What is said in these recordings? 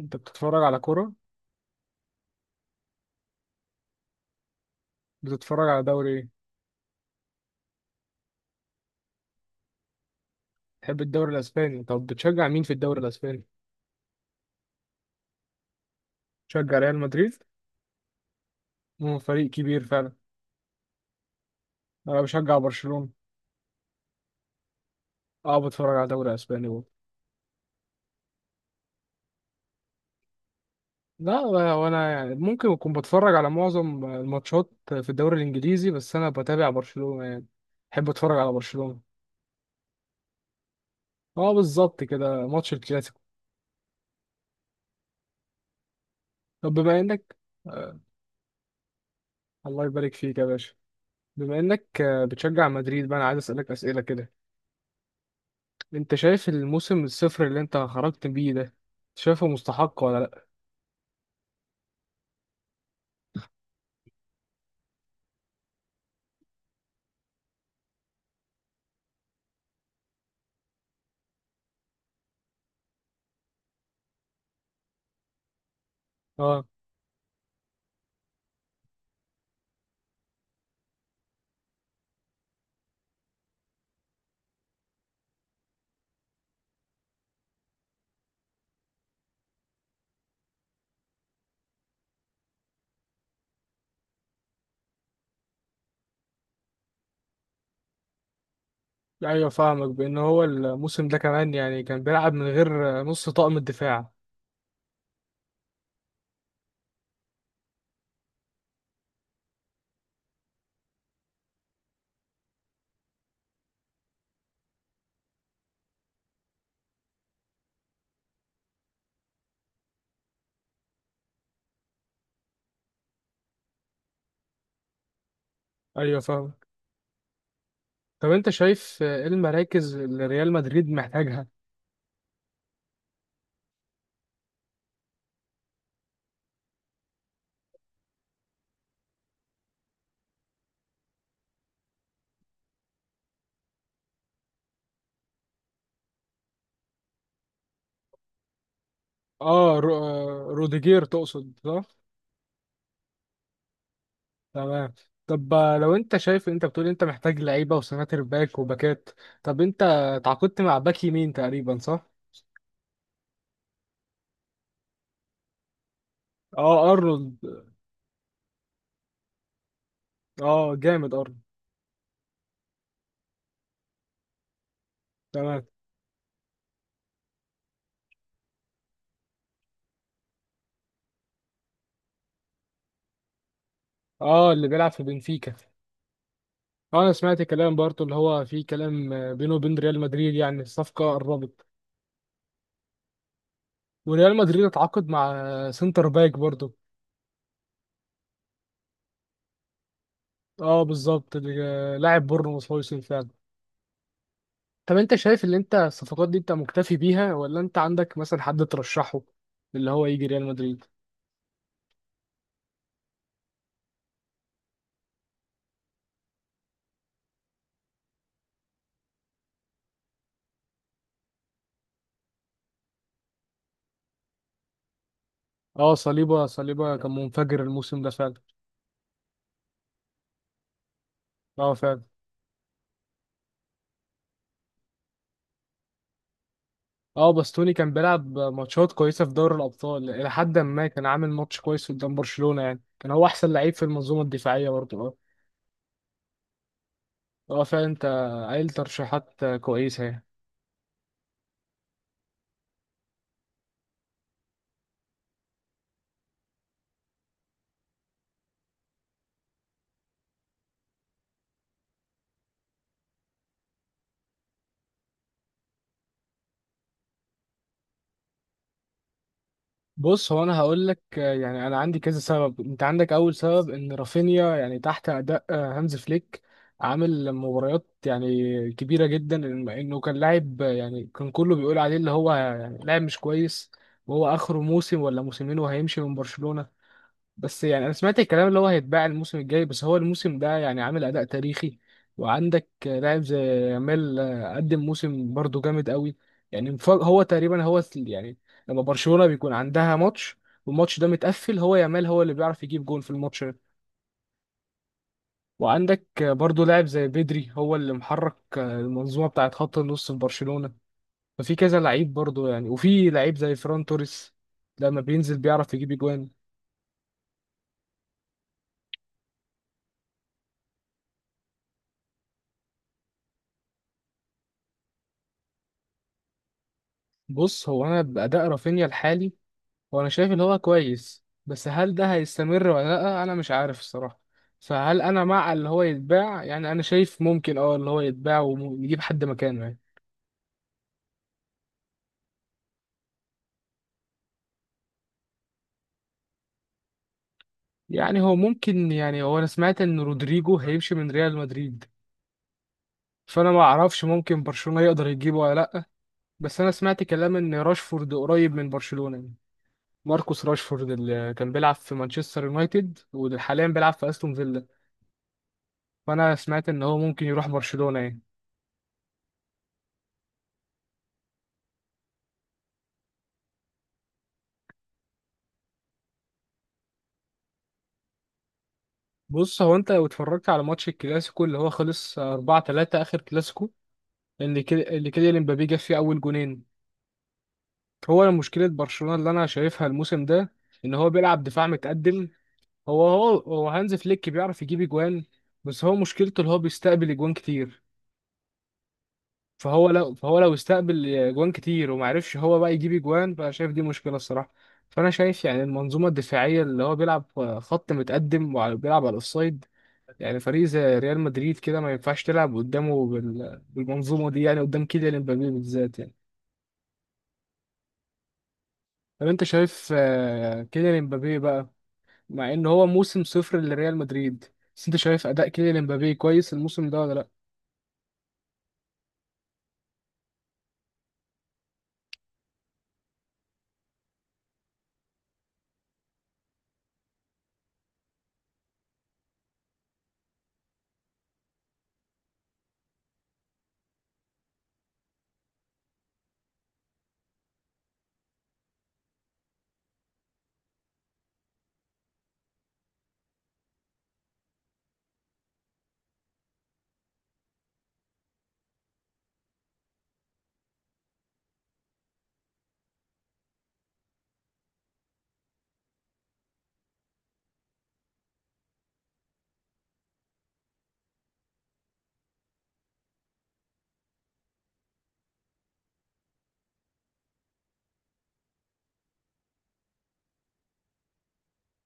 انت بتتفرج على كرة؟ بتتفرج على دوري ايه؟ تحب الدوري الاسباني؟ طب بتشجع مين في الدوري الاسباني؟ بتشجع ريال مدريد؟ مو فريق كبير فعلا. انا بشجع برشلونة. اه، بتفرج على دوري اسباني برضه. لا. وانا يعني ممكن اكون بتفرج على معظم الماتشات في الدوري الانجليزي، بس انا بتابع برشلونة يعني. بحب اتفرج على برشلونة. اه، بالظبط كده ماتش الكلاسيكو. طب بما انك آه الله يبارك فيك يا باشا. بما انك بتشجع مدريد بقى، انا عايز اسالك اسئلة كده. انت شايف الموسم الصفر اللي انت خرجت بيه ده، شايفه مستحق ولا لا؟ اه. ايوه فاهمك، بان هو الموسم ده كمان يعني كان بيلعب من غير نص طاقم الدفاع. ايوه فاهمك. طب انت شايف ايه المراكز اللي ريال مدريد محتاجها؟ اه رو... آه، روديجير تقصد، صح؟ تمام. طب لو انت شايف انت بتقول انت محتاج لعيبه وسناتر باك وباكات. طب انت تعاقدت مع باك يمين تقريبا، صح؟ اه، ارنولد. اه، جامد ارنولد. تمام. اه، اللي بيلعب في بنفيكا. انا سمعت كلام برضه، اللي هو في كلام بينه وبين ريال مدريد يعني الصفقه قربت. وريال مدريد اتعاقد مع سنتر باك برضه. اه، بالظبط، لاعب بورنموث هو يوسف فعلا. طب انت شايف اللي انت الصفقات دي انت مكتفي بيها ولا انت عندك مثلا حد ترشحه، اللي هو يجي ريال مدريد؟ اه، صليبه كان منفجر الموسم ده فعلا. اه، فعلا. اه، باستوني كان بيلعب ماتشات كويسه في دوري الابطال، الى حد ما كان عامل ماتش كويس قدام برشلونه، يعني كان هو احسن لعيب في المنظومه الدفاعيه برضه. اه، فعلا، انت قايل ترشيحات كويسه يعني. بص، هو انا هقول لك، يعني انا عندي كذا سبب. انت عندك اول سبب ان رافينيا يعني تحت اداء هانز فليك، عامل مباريات يعني كبيره جدا. انه كان لاعب، يعني كان كله بيقول عليه اللي هو يعني لاعب مش كويس، وهو اخره موسم ولا موسمين وهيمشي من برشلونه. بس يعني انا سمعت الكلام اللي هو هيتباع الموسم الجاي، بس هو الموسم ده يعني عامل اداء تاريخي. وعندك لاعب زي يامال، قدم موسم برضه جامد قوي. يعني هو تقريبا يعني، لما برشلونة بيكون عندها ماتش والماتش ده متقفل، هو يامال هو اللي بيعرف يجيب جون في الماتش ده. وعندك برضه لاعب زي بدري، هو اللي محرك المنظومة بتاعت خط النص في برشلونة. ففي كذا لعيب برضه يعني، وفي لعيب زي فران توريس، لما بينزل بيعرف يجيب جوان. بص، هو انا باداء رافينيا الحالي، هو انا شايف ان هو كويس، بس هل ده هيستمر ولا لا انا مش عارف الصراحه. فهل انا مع اللي هو يتباع؟ يعني انا شايف ممكن اه اللي هو يتباع ونجيب حد مكانه يعني. يعني هو ممكن، يعني هو انا سمعت ان رودريجو هيمشي من ريال مدريد. فانا ما اعرفش، ممكن برشلونه يقدر يجيبه ولا لا. بس انا سمعت كلام ان راشفورد قريب من برشلونه يعني. ماركوس راشفورد، اللي كان بيلعب في مانشستر يونايتد وحاليا بيلعب في استون فيلا. فانا سمعت ان هو ممكن يروح برشلونه يعني. بص، هو انت لو اتفرجت على ماتش الكلاسيكو اللي هو خلص 4-3، اخر كلاسيكو، اللي كده امبابي جاب فيه اول جونين. هو مشكله برشلونه اللي انا شايفها الموسم ده، ان هو بيلعب دفاع متقدم. هو هانز فليك بيعرف يجيب اجوان، بس هو مشكلته اللي هو بيستقبل اجوان كتير. فهو لو استقبل اجوان كتير، وما عرفش هو بقى يجيب اجوان، فانا شايف دي مشكله الصراحه. فانا شايف يعني المنظومه الدفاعيه اللي هو بيلعب خط متقدم، وبيلعب على الاوفسايد. يعني فريق زي ريال مدريد كده ما ينفعش تلعب قدامه بالمنظومة دي، يعني قدام كيليان امبابي بالذات يعني. طب انت شايف كيليان امبابي بقى، مع ان هو موسم صفر لريال مدريد، بس انت شايف اداء كيليان امبابي كويس الموسم ده ولا لا؟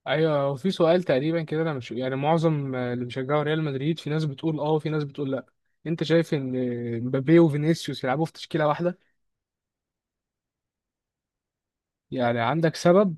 ايوه، هو في سؤال تقريبا كده، انا مش يعني، معظم اللي بيشجعوا ريال مدريد في ناس بتقول اه وفي ناس بتقول لا. انت شايف ان امبابي وفينيسيوس يلعبوا في تشكيلة واحدة؟ يعني عندك سبب؟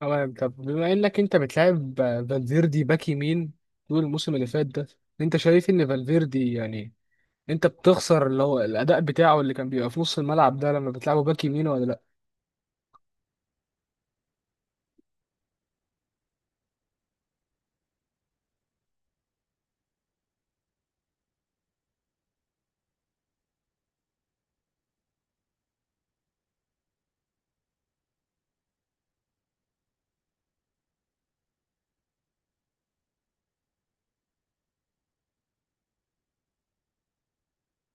تمام. طب بما انك انت بتلعب فالفيردي باك يمين طول الموسم اللي فات ده، انت شايف ان فالفيردي يعني انت بتخسر اللي هو الاداء بتاعه اللي كان بيبقى في نص الملعب ده لما بتلعبه باك يمين ولا لا؟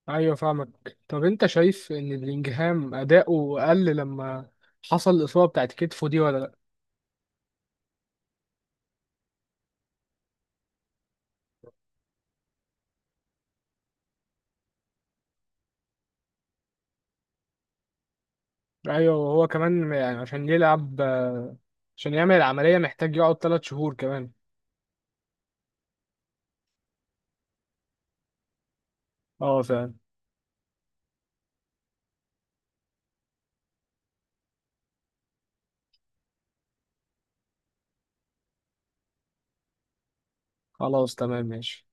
ايوه فاهمك. طب انت شايف ان بلينجهام اداؤه قل لما حصل الاصابه بتاعت كتفه دي ولا لا؟ ايوه، وهو كمان يعني عشان يلعب، عشان يعمل العمليه محتاج يقعد 3 شهور كمان. اه فعلا. خلاص تمام ماشي.